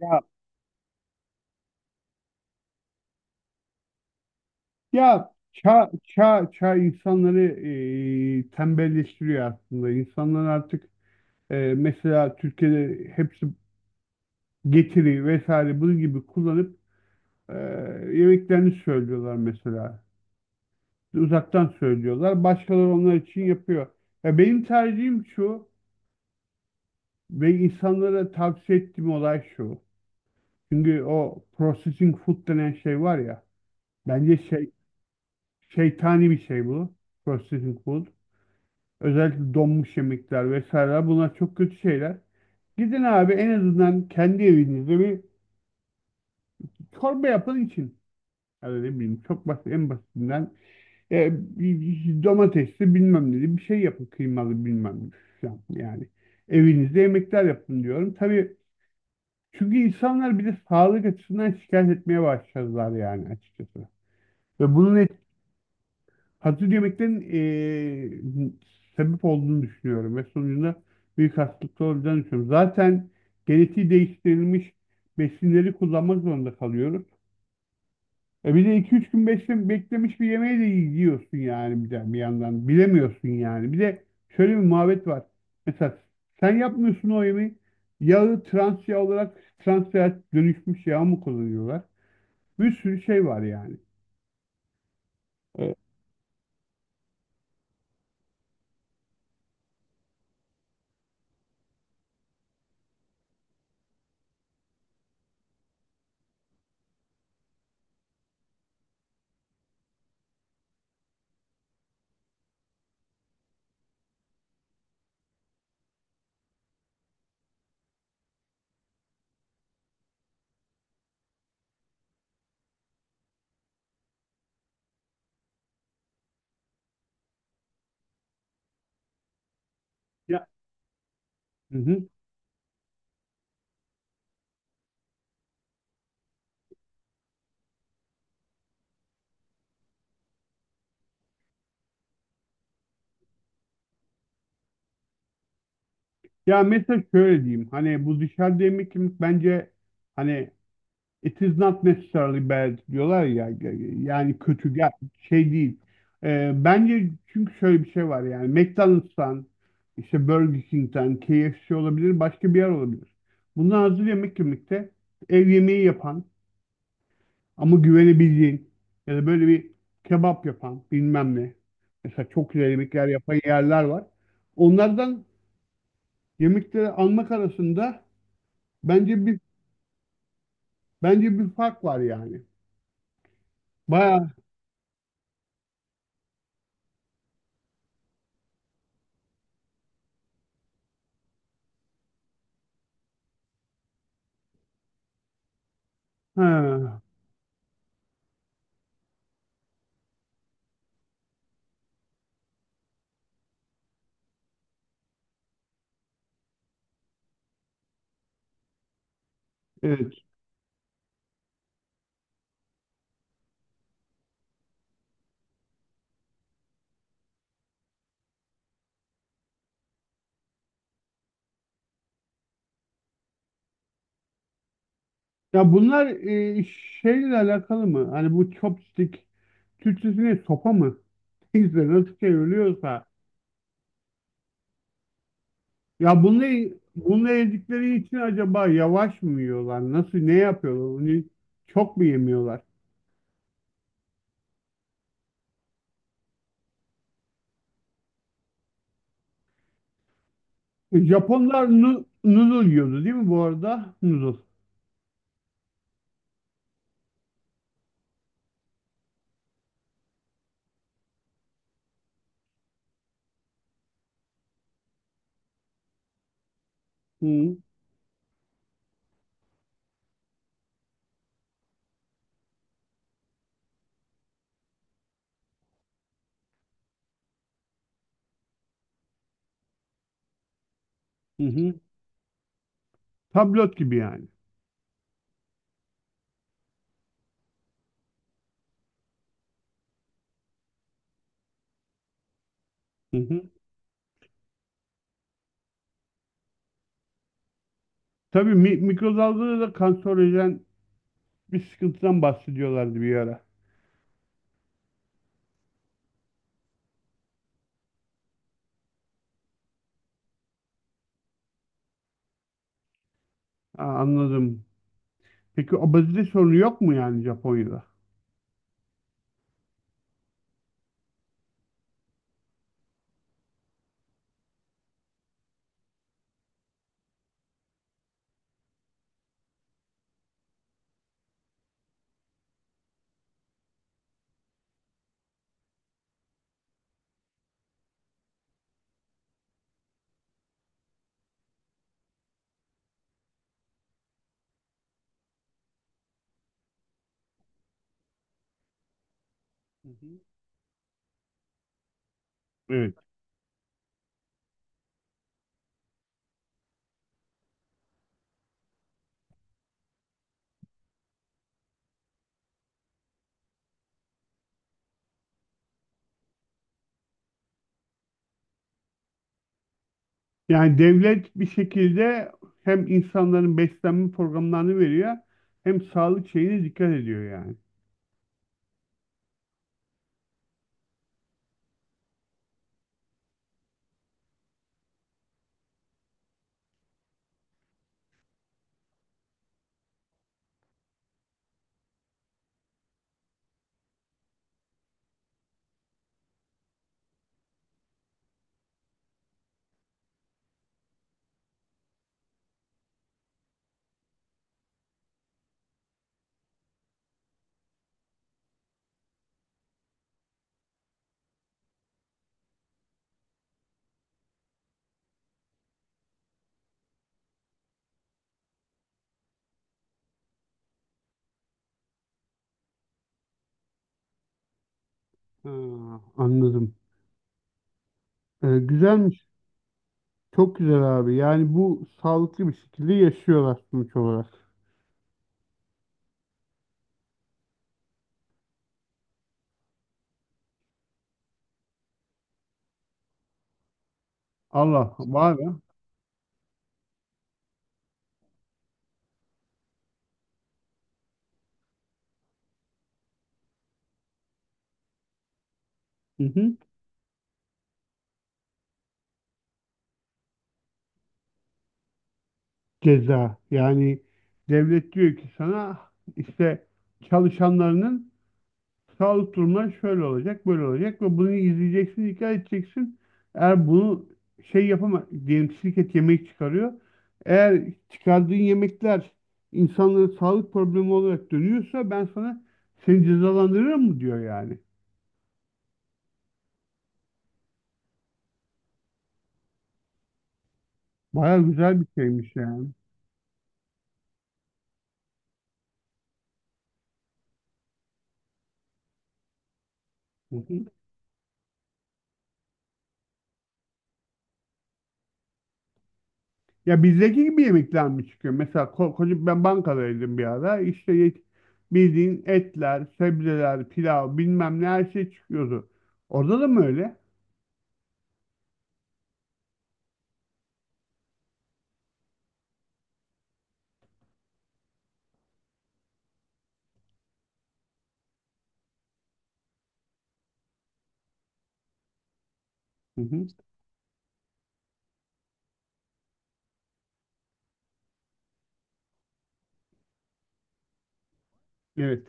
Ya, ya, çağ insanları tembelleştiriyor aslında. İnsanlar artık mesela Türkiye'de hepsi getiri vesaire bunun gibi kullanıp e, yemeklerini söylüyorlar mesela. Uzaktan söylüyorlar. Başkaları onlar için yapıyor. Ya benim tercihim şu ve insanlara tavsiye ettiğim olay şu. Çünkü o processing food denen şey var ya. Bence şey şeytani bir şey bu. Processing food. Özellikle donmuş yemekler vesaireler bunlar çok kötü şeyler. Gidin abi en azından kendi evinizde bir çorba yapın için. Yani ne bileyim çok basit en basitinden e, bir- domatesli bilmem ne bir şey yapın kıymalı bilmem ne falan yani. Evinizde yemekler yapın diyorum. Tabii çünkü insanlar bir de sağlık açısından şikayet etmeye başladılar yani açıkçası. Ve bunun hazır yemeklerin sebep olduğunu düşünüyorum ve sonucunda büyük hastalıklar olacağını düşünüyorum. Zaten genetiği değiştirilmiş besinleri kullanmak zorunda kalıyoruz. E bir de 2-3 gün beklemiş bir yemeği de yiyorsun yani bir yandan. Bilemiyorsun yani. Bir de şöyle bir muhabbet var. Mesela sen yapmıyorsun o yemeği. Yağı trans yağ olarak trans yağ dönüşmüş yağ mı kullanıyorlar? Bir sürü şey var yani. E, Ya. Hı hı. Ya mesela şöyle diyeyim. Hani bu dışarıda yemek yemek bence hani it is not necessarily bad diyorlar ya. Yani kötü gel şey değil. Bence çünkü şöyle bir şey var yani. McDonald's'tan işte Burger King'den KFC olabilir başka bir yer olabilir. Bundan hazır yemek yemekte ev yemeği yapan ama güvenebildiğin ya da böyle bir kebap yapan bilmem ne. Mesela çok güzel yemekler yapan yerler var. Onlardan yemekleri almak arasında Bence bir bence bir fark var yani. Bayağı ha, evet. Ya bunlar şeyle alakalı mı? Hani bu chopstick Türkçesi ne? Sopa mı? Neyse nasıl çevriliyorsa. Ya bununla, bununla yedikleri için acaba yavaş mı yiyorlar? Nasıl ne yapıyorlar? Onu çok mu yemiyorlar? E, Japonlar noodle yiyordu değil mi bu arada? Noodle. Hı hı. hı. Tablet gibi yani. Hı hı. Tabii, mikrodalgada da kanserojen bir sıkıntıdan bahsediyorlardı bir ara. Ha, anladım. Peki obezite sorunu yok mu yani Japonya'da? Hı hı. Evet. Yani devlet bir şekilde hem insanların beslenme programlarını veriyor hem sağlık şeyine dikkat ediyor yani. Ha, anladım. Güzelmiş. Çok güzel abi. Yani bu sağlıklı bir şekilde yaşıyorlar sonuç olarak. Allah var mı? Hı hı. Ceza. Yani devlet diyor ki sana işte çalışanlarının sağlık durumları şöyle olacak, böyle olacak ve bunu izleyeceksin, dikkat edeceksin. Eğer bunu şey yapama diyelim şirket yemek çıkarıyor. Eğer çıkardığın yemekler insanlara sağlık problemi olarak dönüyorsa ben sana seni cezalandırırım mı diyor yani. Baya güzel bir şeymiş yani. Ya bizdeki gibi yemekler mi çıkıyor? Mesela koca ben bankadaydım bir ara. İşte bildiğin etler, sebzeler, pilav bilmem ne her şey çıkıyordu. Orada da mı öyle? Hı hı. Evet.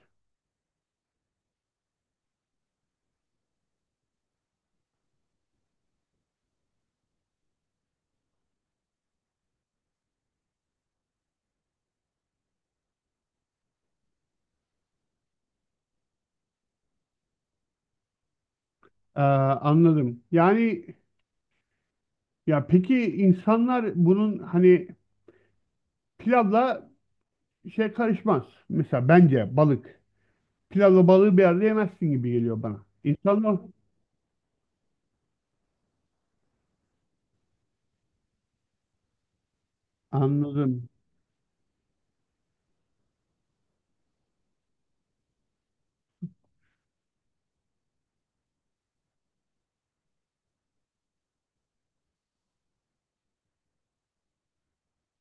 Anladım. Yani, peki insanlar bunun hani pilavla şey karışmaz. Mesela bence balık. Pilavla balığı bir arada yemezsin gibi geliyor bana. İnsanlar anladım.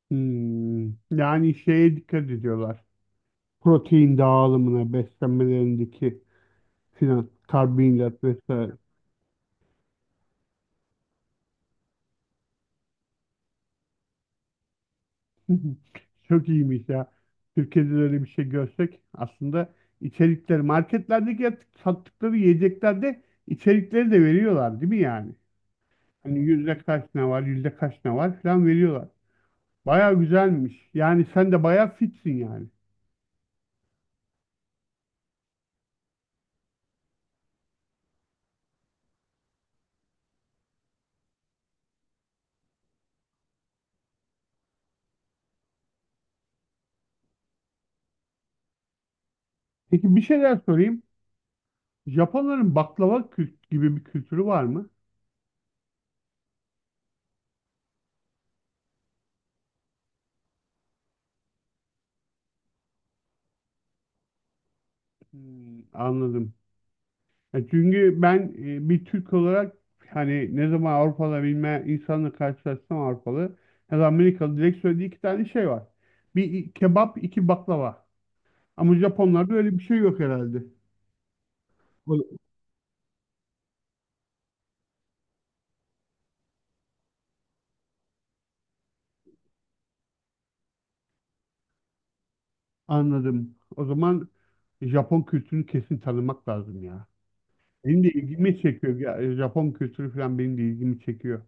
Hmm. Yani şeye dikkat ediyorlar. Protein dağılımına, beslenmelerindeki filan karbonhidrat vesaire. Çok iyiymiş ya. Türkiye'de de öyle bir şey görsek aslında içerikleri marketlerdeki sattıkları yiyeceklerde içerikleri de veriyorlar değil mi yani? Hani yüzde kaç ne var, yüzde kaç ne var filan veriyorlar. Baya güzelmiş. Yani sen de baya fitsin yani. Peki bir şeyler sorayım. Japonların baklava kült gibi bir kültürü var mı? Hmm, anladım. Ya çünkü ben bir Türk olarak hani ne zaman Avrupalı bilme insanla karşılaşsam Avrupalı ya da Amerikalı direkt söylediği iki tane şey var. Bir kebap, iki baklava. Ama Japonlarda öyle bir şey yok herhalde. O- Anladım. O zaman Japon kültürünü kesin tanımak lazım ya. Benim de ilgimi çekiyor. Ya, Japon kültürü falan benim de ilgimi çekiyor.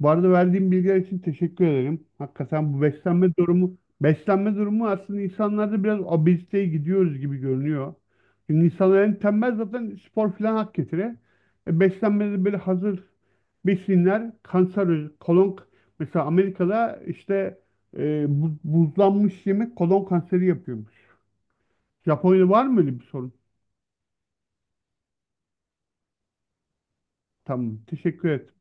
Bu arada verdiğim bilgiler için teşekkür ederim. Hakikaten beslenme durumu aslında insanlarda biraz obeziteye gidiyoruz gibi görünüyor. Çünkü insanlar en tembel zaten spor falan hak getire. E, beslenmede böyle hazır besinler, kanser, kolon, mesela Amerika'da işte buzlanmış yemek kolon kanseri yapıyormuş. Japonya'da var mı öyle bir sorun? Tamam, teşekkür ederim.